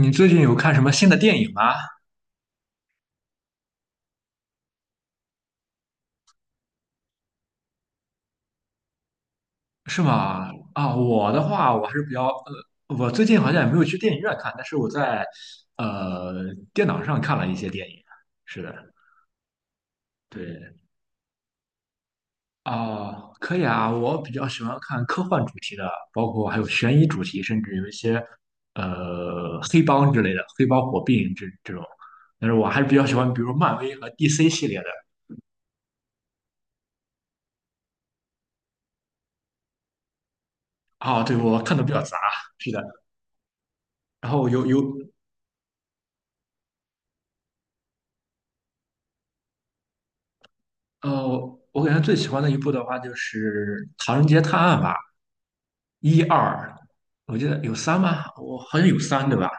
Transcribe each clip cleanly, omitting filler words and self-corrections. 你最近有看什么新的电影吗？是吗？啊，我的话，我还是比较。我最近好像也没有去电影院看，但是我在呃电脑上看了一些电影。是的，对啊，可以啊，我比较喜欢看科幻主题的，包括还有悬疑主题，甚至有一些黑帮之类的，黑帮火并这种。但是我还是比较喜欢，比如漫威和 DC 系列的。啊，对，我看的比较杂。是的，然后有有呃，我感觉最喜欢的一部的话就是《唐人街探案》吧，一二，我记得有三吗？我好像有三，对吧？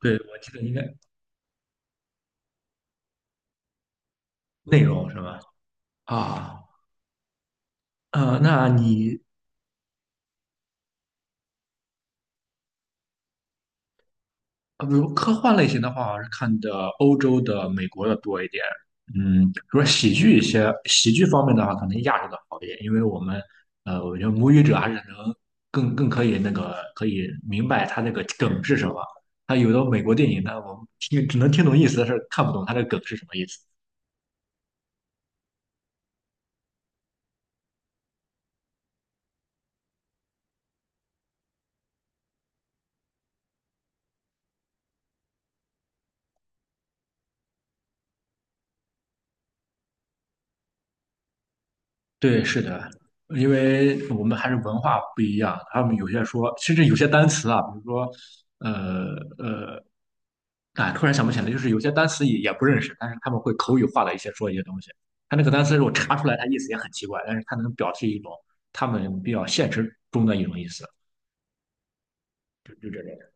对，我记得应该内容是吧？啊。那你。比如科幻类型的话，我还是看的欧洲的、美国的多一点。比如说喜剧一些，喜剧方面的话，可能亚洲的好一点，因为我们，我觉得母语者还是能更可以明白他那个梗是什么。他有的美国电影呢，我们听只能听懂意思，但是看不懂他的梗是什么意思。对，是的，因为我们还是文化不一样，他们有些说，甚至有些单词啊，比如说，呃，啊，突然想不起来，就是有些单词也不认识，但是他们会口语化的一些说一些东西。他那个单词如果查出来，它意思也很奇怪，但是它能表示一种他们比较现实中的一种意思，就这种。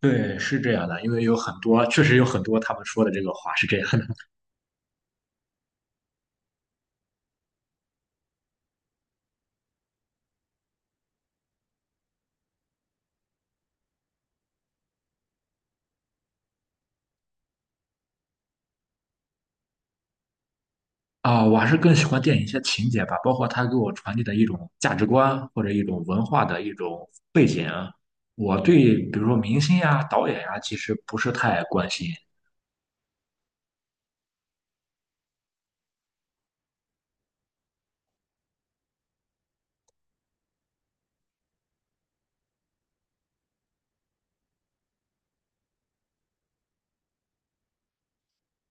对，是这样的，因为有很多，确实有很多他们说的这个话是这样的啊。我还是更喜欢电影一些情节吧，包括它给我传递的一种价值观或者一种文化的一种背景。我对比如说明星呀、导演呀，其实不是太关心。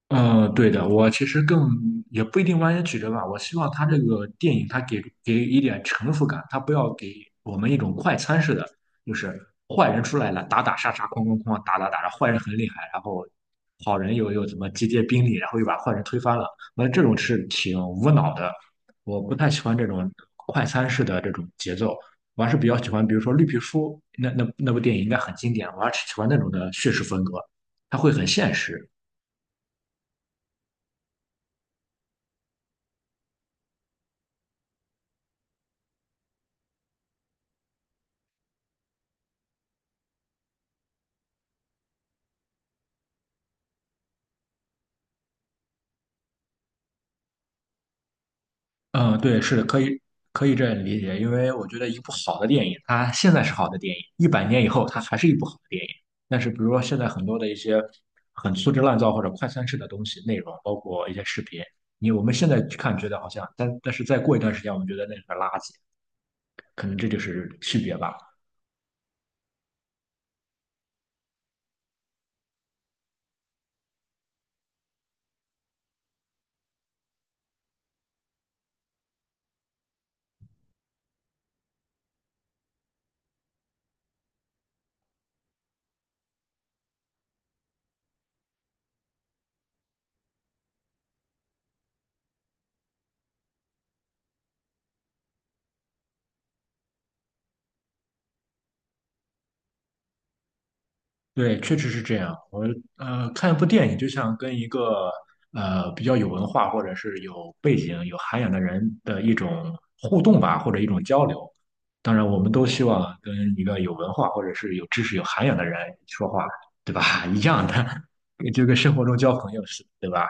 嗯，对的，我其实更也不一定完全曲折吧，我希望他这个电影他给一点成熟感，他不要给我们一种快餐式的，就是坏人出来了，打打杀杀，哐哐哐，打打打，然后坏人很厉害，然后好人又怎么集结兵力，然后又把坏人推翻了，那这种是挺无脑的，我不太喜欢这种快餐式的这种节奏，我还是比较喜欢，比如说《绿皮书》那部电影应该很经典，我还是喜欢那种的叙事风格，它会很现实。嗯，对，是的，可以这样理解，因为我觉得一部好的电影，它现在是好的电影，100年以后它还是一部好的电影。但是，比如说现在很多的一些很粗制滥造或者快餐式的东西内容，包括一些视频，我们现在去看觉得好像，但是再过一段时间，我们觉得那是个垃圾，可能这就是区别吧。对，确实是这样。我看一部电影，就像跟一个比较有文化或者是有背景、有涵养的人的一种互动吧，或者一种交流。当然，我们都希望跟一个有文化或者是有知识、有涵养的人说话，对吧？一样的，就跟生活中交朋友似的，对吧？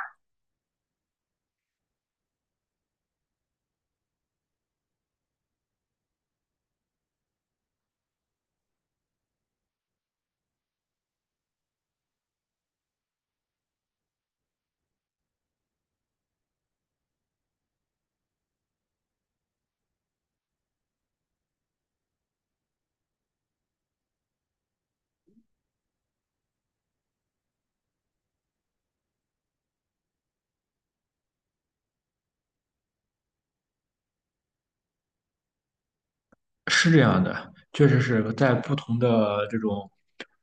是这样的，确实是在不同的这种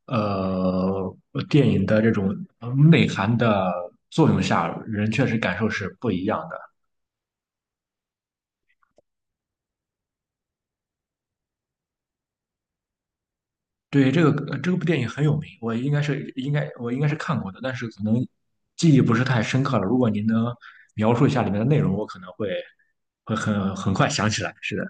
呃电影的这种内涵的作用下，人确实感受是不一样的。对，这个部电影很有名，我应该是看过的，但是可能记忆不是太深刻了。如果您能描述一下里面的内容，我可能会很快想起来。是的，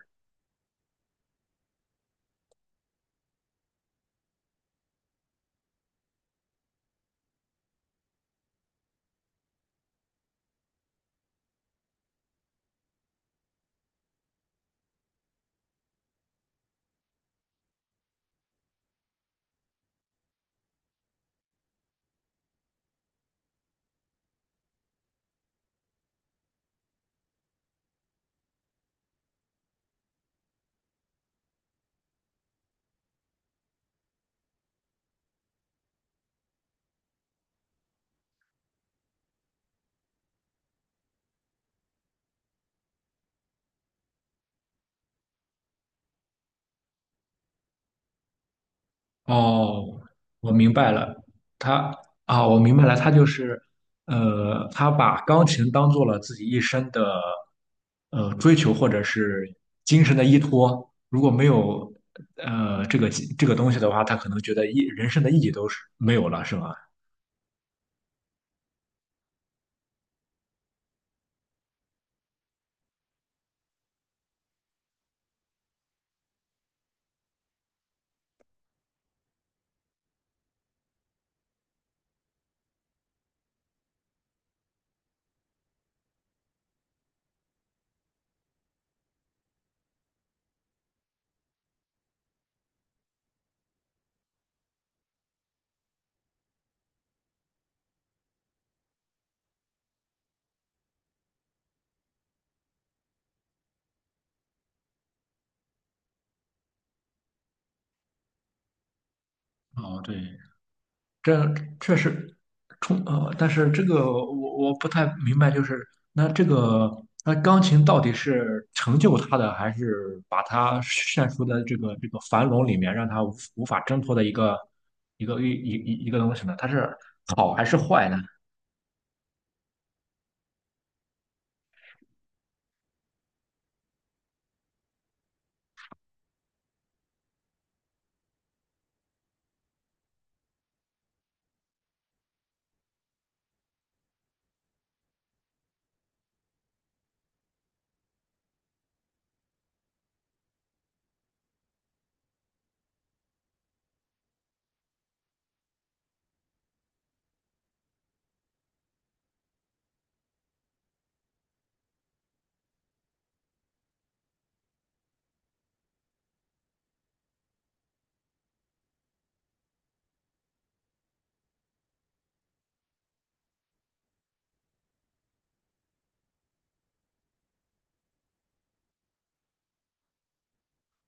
哦，我明白了，他我明白了，他就是他把钢琴当做了自己一生的追求或者是精神的依托。如果没有呃这个这个东西的话，他可能觉得意人生的意义都是没有了，是吧？哦，对，这确实。但是这个我不太明白，就是那这个那钢琴到底是成就他的，还是把他陷入的这个樊笼里面，让他无法挣脱的一个一个一一一一个东西呢？它是好还是坏呢？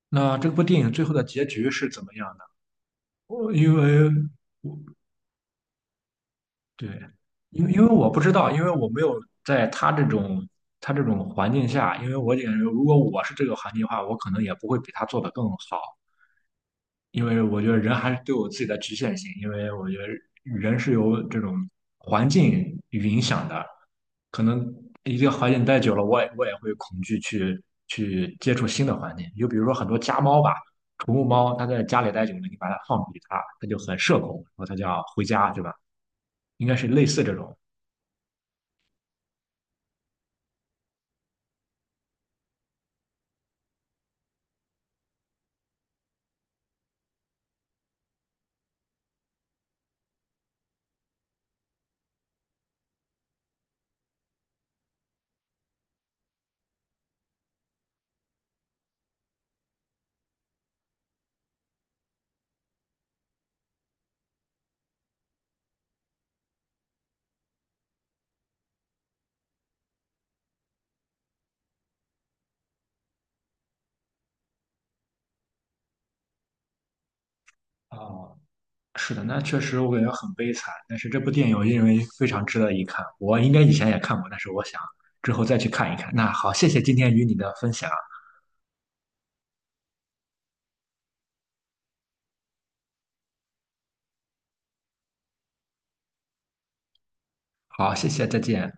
那这部电影最后的结局是怎么样的？我因为对，因为我不知道，因为我没有在他这种环境下，因为我感觉如果我是这个环境的话，我可能也不会比他做的更好，因为我觉得人还是对我自己的局限性，因为我觉得人是由这种环境影响的，可能一个环境待久了，我也会恐惧去接触新的环境，就比如说很多家猫吧。宠物猫，它在家里待久了，你把它放出去，它就很社恐，然后它就要回家，对吧？应该是类似这种。啊。是的，那确实我感觉很悲惨，但是这部电影我认为非常值得一看。我应该以前也看过，但是我想之后再去看一看。那好，谢谢今天与你的分享，好，谢谢，再见。